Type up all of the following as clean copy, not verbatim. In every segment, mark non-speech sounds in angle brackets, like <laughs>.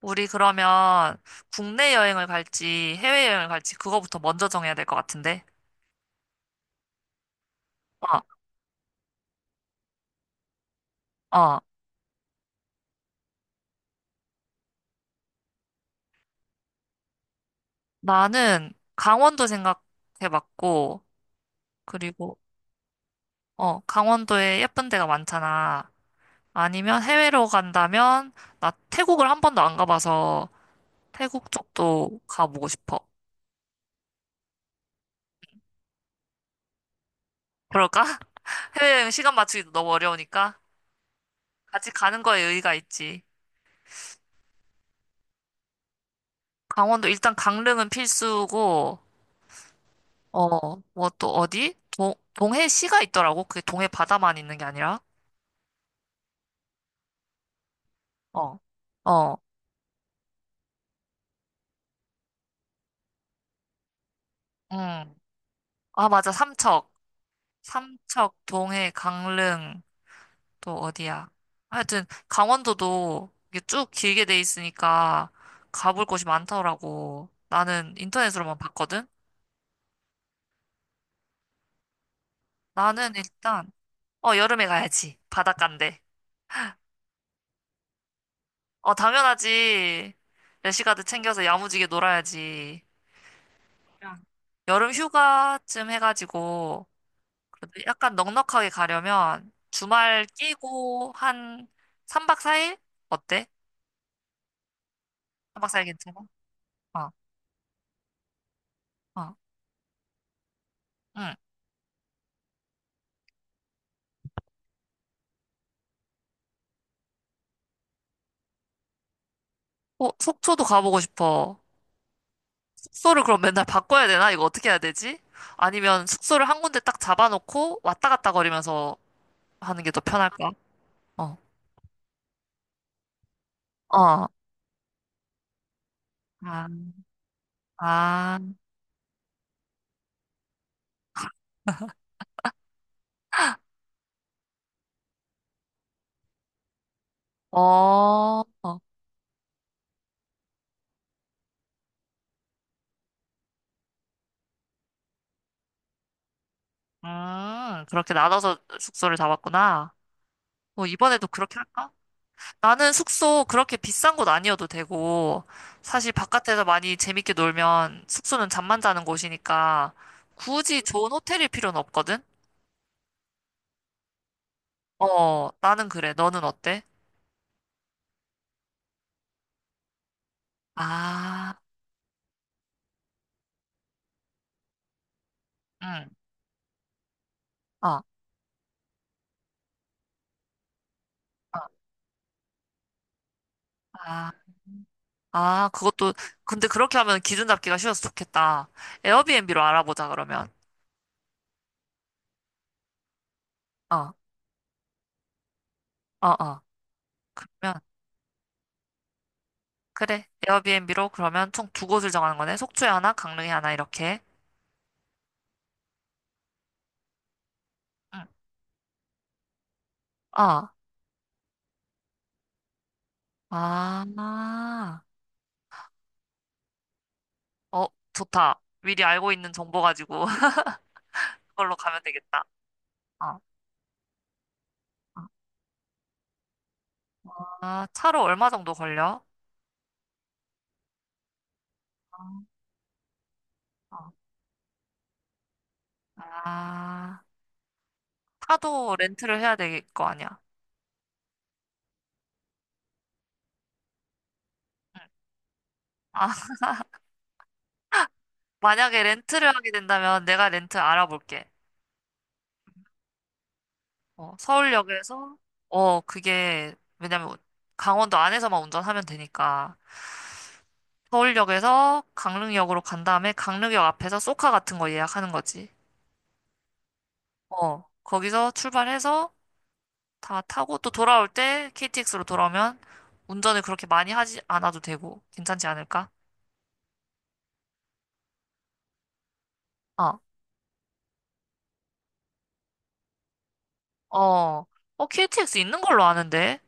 우리 그러면 국내 여행을 갈지 해외 여행을 갈지 그거부터 먼저 정해야 될 것 같은데. 어, 어. 나는 강원도 생각해봤고, 그리고, 어, 강원도에 예쁜 데가 많잖아. 아니면 해외로 간다면, 나 태국을 한 번도 안 가봐서 태국 쪽도 가보고 싶어. 그럴까? <laughs> 해외여행 시간 맞추기도 너무 어려우니까 같이 가는 거에 의의가 있지. 강원도 일단 강릉은 필수고, 어, 뭐 또 어디? 동해시가 있더라고. 그게 동해 바다만 있는 게 아니라. 어, 어, 응. 아, 맞아. 삼척. 삼척, 동해, 강릉, 또 어디야? 하여튼, 강원도도 이게 쭉 길게 돼 있으니까 가볼 곳이 많더라고. 나는 인터넷으로만 봤거든? 나는 일단, 어, 여름에 가야지. 바닷가인데. 어, 당연하지. 래시가드 챙겨서 야무지게 놀아야지. 그냥 여름 휴가쯤 해가지고, 근데 약간 넉넉하게 가려면 주말 끼고 한 3박 4일? 어때? 3박 4일 괜찮아? 어, 어. 응. 어, 속초도 가보고 싶어. 숙소를 그럼 맨날 바꿔야 되나? 이거 어떻게 해야 되지? 아니면 숙소를 한 군데 딱 잡아놓고 왔다 갔다 거리면서 하는 게 더 편할까? 어, 어. 아, 아, 어, 어. 그렇게 나눠서 숙소를 잡았구나. 뭐, 이번에도 그렇게 할까? 나는 숙소 그렇게 비싼 곳 아니어도 되고, 사실 바깥에서 많이 재밌게 놀면 숙소는 잠만 자는 곳이니까 굳이 좋은 호텔일 필요는 없거든? 어, 나는 그래. 너는 어때? 아, 응, 어, 어, 아. 아, 그것도, 근데 그렇게 하면 기준 잡기가 쉬워서 좋겠다. 에어비앤비로 알아보자, 그러면. 어, 어, 어. 그러면, 그래. 에어비앤비로 그러면 총 두 곳을 정하는 거네. 속초에 하나, 강릉에 하나, 이렇게. 응. 어, 아. 어, 좋다. 미리 알고 있는 정보 가지고 <laughs> 그걸로 가면 되겠다. 어. 어. 아, 차로 얼마 정도 걸려? 어. 어. 아, 차도 렌트를 해야 될 거 아니야. 응. 아, <laughs> 만약에 렌트를 하게 된다면 내가 렌트 알아볼게. 어, 서울역에서, 어, 그게, 왜냐면 강원도 안에서만 운전하면 되니까. 서울역에서 강릉역으로 간 다음에 강릉역 앞에서 쏘카 같은 거 예약하는 거지. 어, 거기서 출발해서 다 타고 또 돌아올 때 KTX로 돌아오면 운전을 그렇게 많이 하지 않아도 되고 괜찮지 않을까? 어, 어, 어, KTX 있는 걸로 아는데.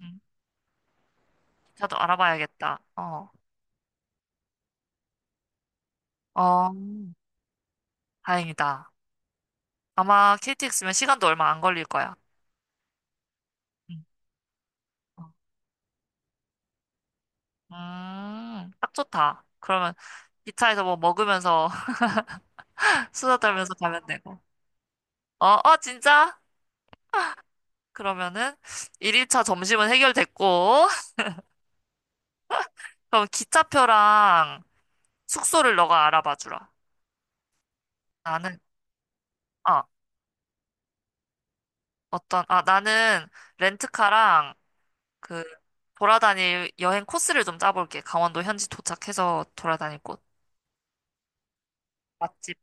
음, 자도 알아봐야겠다. 어, 어, 다행이다. 아마 KTX면 시간도 얼마 안 걸릴 거야. 음, 어. 딱 좋다. 그러면 기차에서 뭐 먹으면서 <laughs> 수다 떨면서 가면 되고. 어, 어, 진짜? 그러면은 1일차 점심은 해결됐고, <laughs> 그럼 기차표랑 숙소를 너가 알아봐 주라. 나는, 아, 어떤, 아, 나는 렌트카랑 그 돌아다닐 여행 코스를 좀 짜볼게. 강원도 현지 도착해서 돌아다닐 곳. 맛집.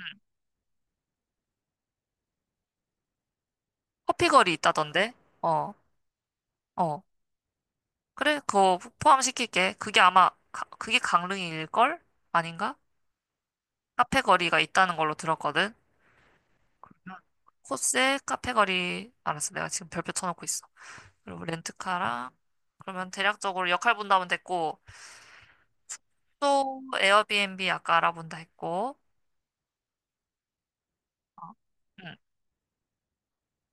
응. 커피거리 있다던데? 어, 어. 그래, 그거 포함시킬게. 그게 아마, 가- 그게 강릉일걸? 아닌가? 카페 거리가 있다는 걸로 들었거든. 음. 코스에 카페 거리, 알았어. 내가 지금 별표 쳐놓고 있어. 그리고 렌트카랑, 그러면 대략적으로 역할 분담은 됐고, 또 에어비앤비 아까 알아본다 했고. 어, 응,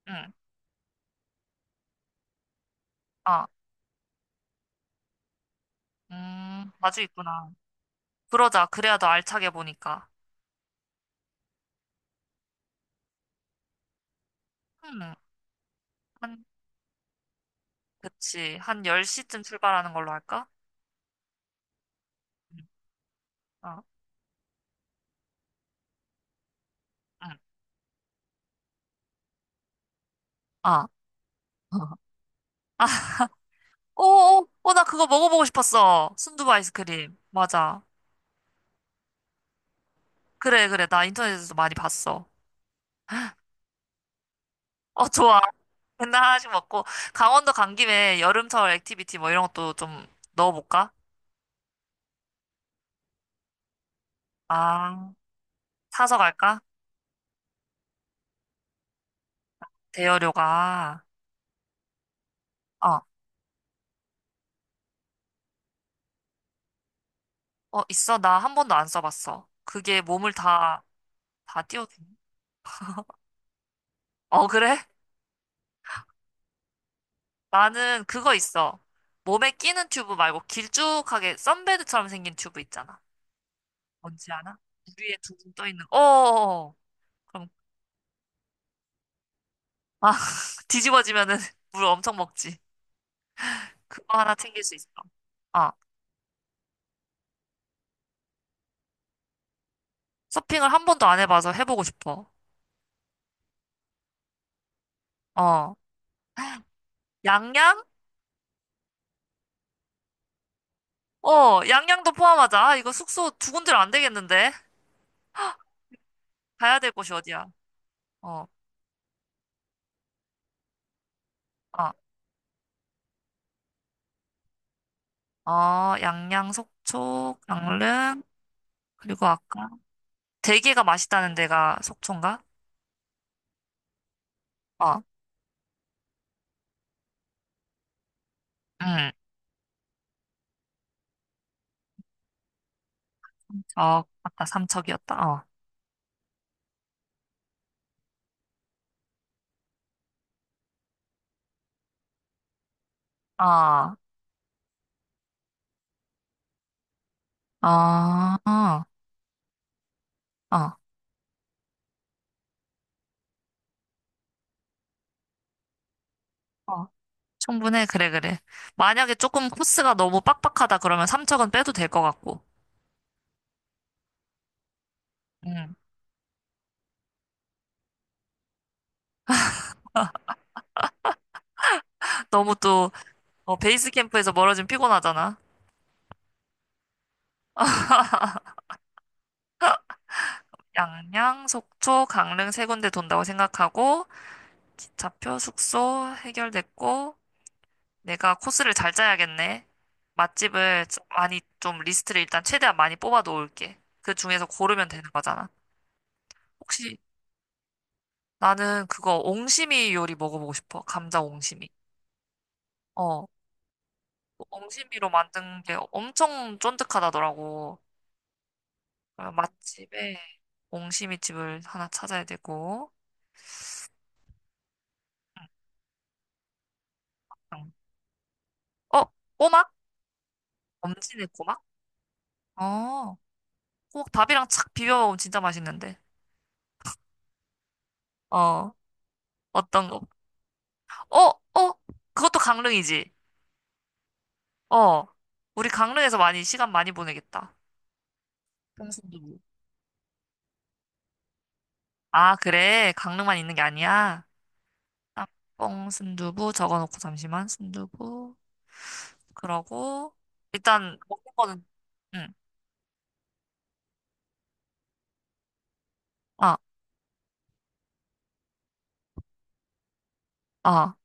응. 아, 아주 있구나. 그러자. 그래야 더 알차게 보니까. 음, 한, 그치. 한 10시쯤 출발하는 걸로 할까? 응, 어, 응. 아. <laughs> 아, 오, 오, 오, 나 그거 먹어보고 싶었어. 순두부 아이스크림. 맞아. 그래, 그래. 나 인터넷에서 많이 봤어. 어, 좋아. <laughs> 맨날 하나씩 먹고. 강원도 간 김에 여름철 액티비티 뭐 이런 것도 좀 넣어볼까? 아, 사서 갈까? 대여료가. 어, 어, 있어. 나 한 번도 안 써봤어. 그게 몸을 다 띄워주니? 어, 그래? 나는 그거 있어. 몸에 끼는 튜브 말고 길쭉하게 선베드처럼 생긴 튜브 있잖아. 뭔지 아나? 물 위에 둥둥 떠 있는. 거. 어어어. 그럼, 아, <laughs> 뒤집어지면은 <laughs> 물 엄청 먹지. 그거 하나 챙길 수 있어. 아, 서핑을 한 번도 안 해봐서 해보고 싶어. 어. 양양? 어, 양양도 포함하자. 아, 이거 숙소 두 군데로 안 되겠는데? 가야 될 곳이 어디야? 어. 아. 어, 양양, 속초, 강릉, 그리고 아까 대게가 맛있다는 데가 속초인가? 어, 응. 어, 아까 삼척이었다. 어, 어, 어, 어, 어. 충분해. 그래, 그래. 만약에 조금 코스가 너무 빡빡하다 그러면 삼척은 빼도 될 것 같고. 음 너무 또 어, 베이스 캠프에서 멀어지면 피곤하잖아. 양양, 속초, 강릉 세 군데 돈다고 생각하고 기차표, 숙소 해결됐고. 내가 코스를 잘 짜야겠네. 맛집을 좀 많이 좀 리스트를 일단 최대한 많이 뽑아 놓을게. 그 중에서 고르면 되는 거잖아. 혹시 나는 그거 옹심이 요리 먹어보고 싶어. 감자 옹심이. 어, 그 옹심이로 만든 게 엄청 쫀득하다더라고. 그 맛집에 옹심이 집을 하나 찾아야 되고. 응. 응. 어, 꼬막? 엄지네 꼬막? 어, 꼬막 밥이랑 착 비벼 먹으면 진짜 맛있는데. 어, 어떤 거? 어, 어, 그것도 강릉이지. 어, 우리 강릉에서 많이, 시간 많이 보내겠다. 뽕순두부. 아, 그래. 강릉만 있는 게 아니야. 짬뽕, 순두부 적어놓고 잠시만. 순두부. 그러고, 일단, 먹는 거는, 응, 아, 아,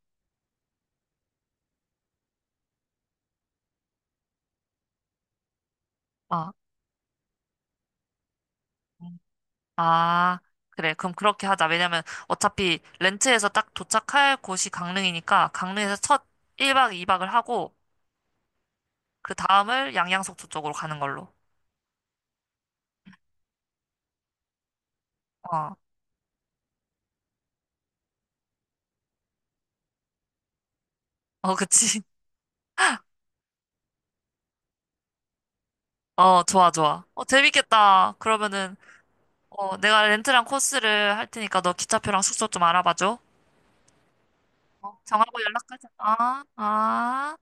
아, 음. 아, 그래. 그럼 그렇게 하자. 왜냐면 어차피 렌트에서 딱 도착할 곳이 강릉이니까 강릉에서 첫 1박 2박을 하고, 그 다음을 양양속초 쪽으로 가는 걸로. 어, 어, 그치. <laughs> 어, 좋아, 좋아. 어, 재밌겠다. 그러면은, 어, 내가 렌트랑 코스를 할 테니까 너 기차표랑 숙소 좀 알아봐줘. 어, 정하고 연락하자. 아, 아.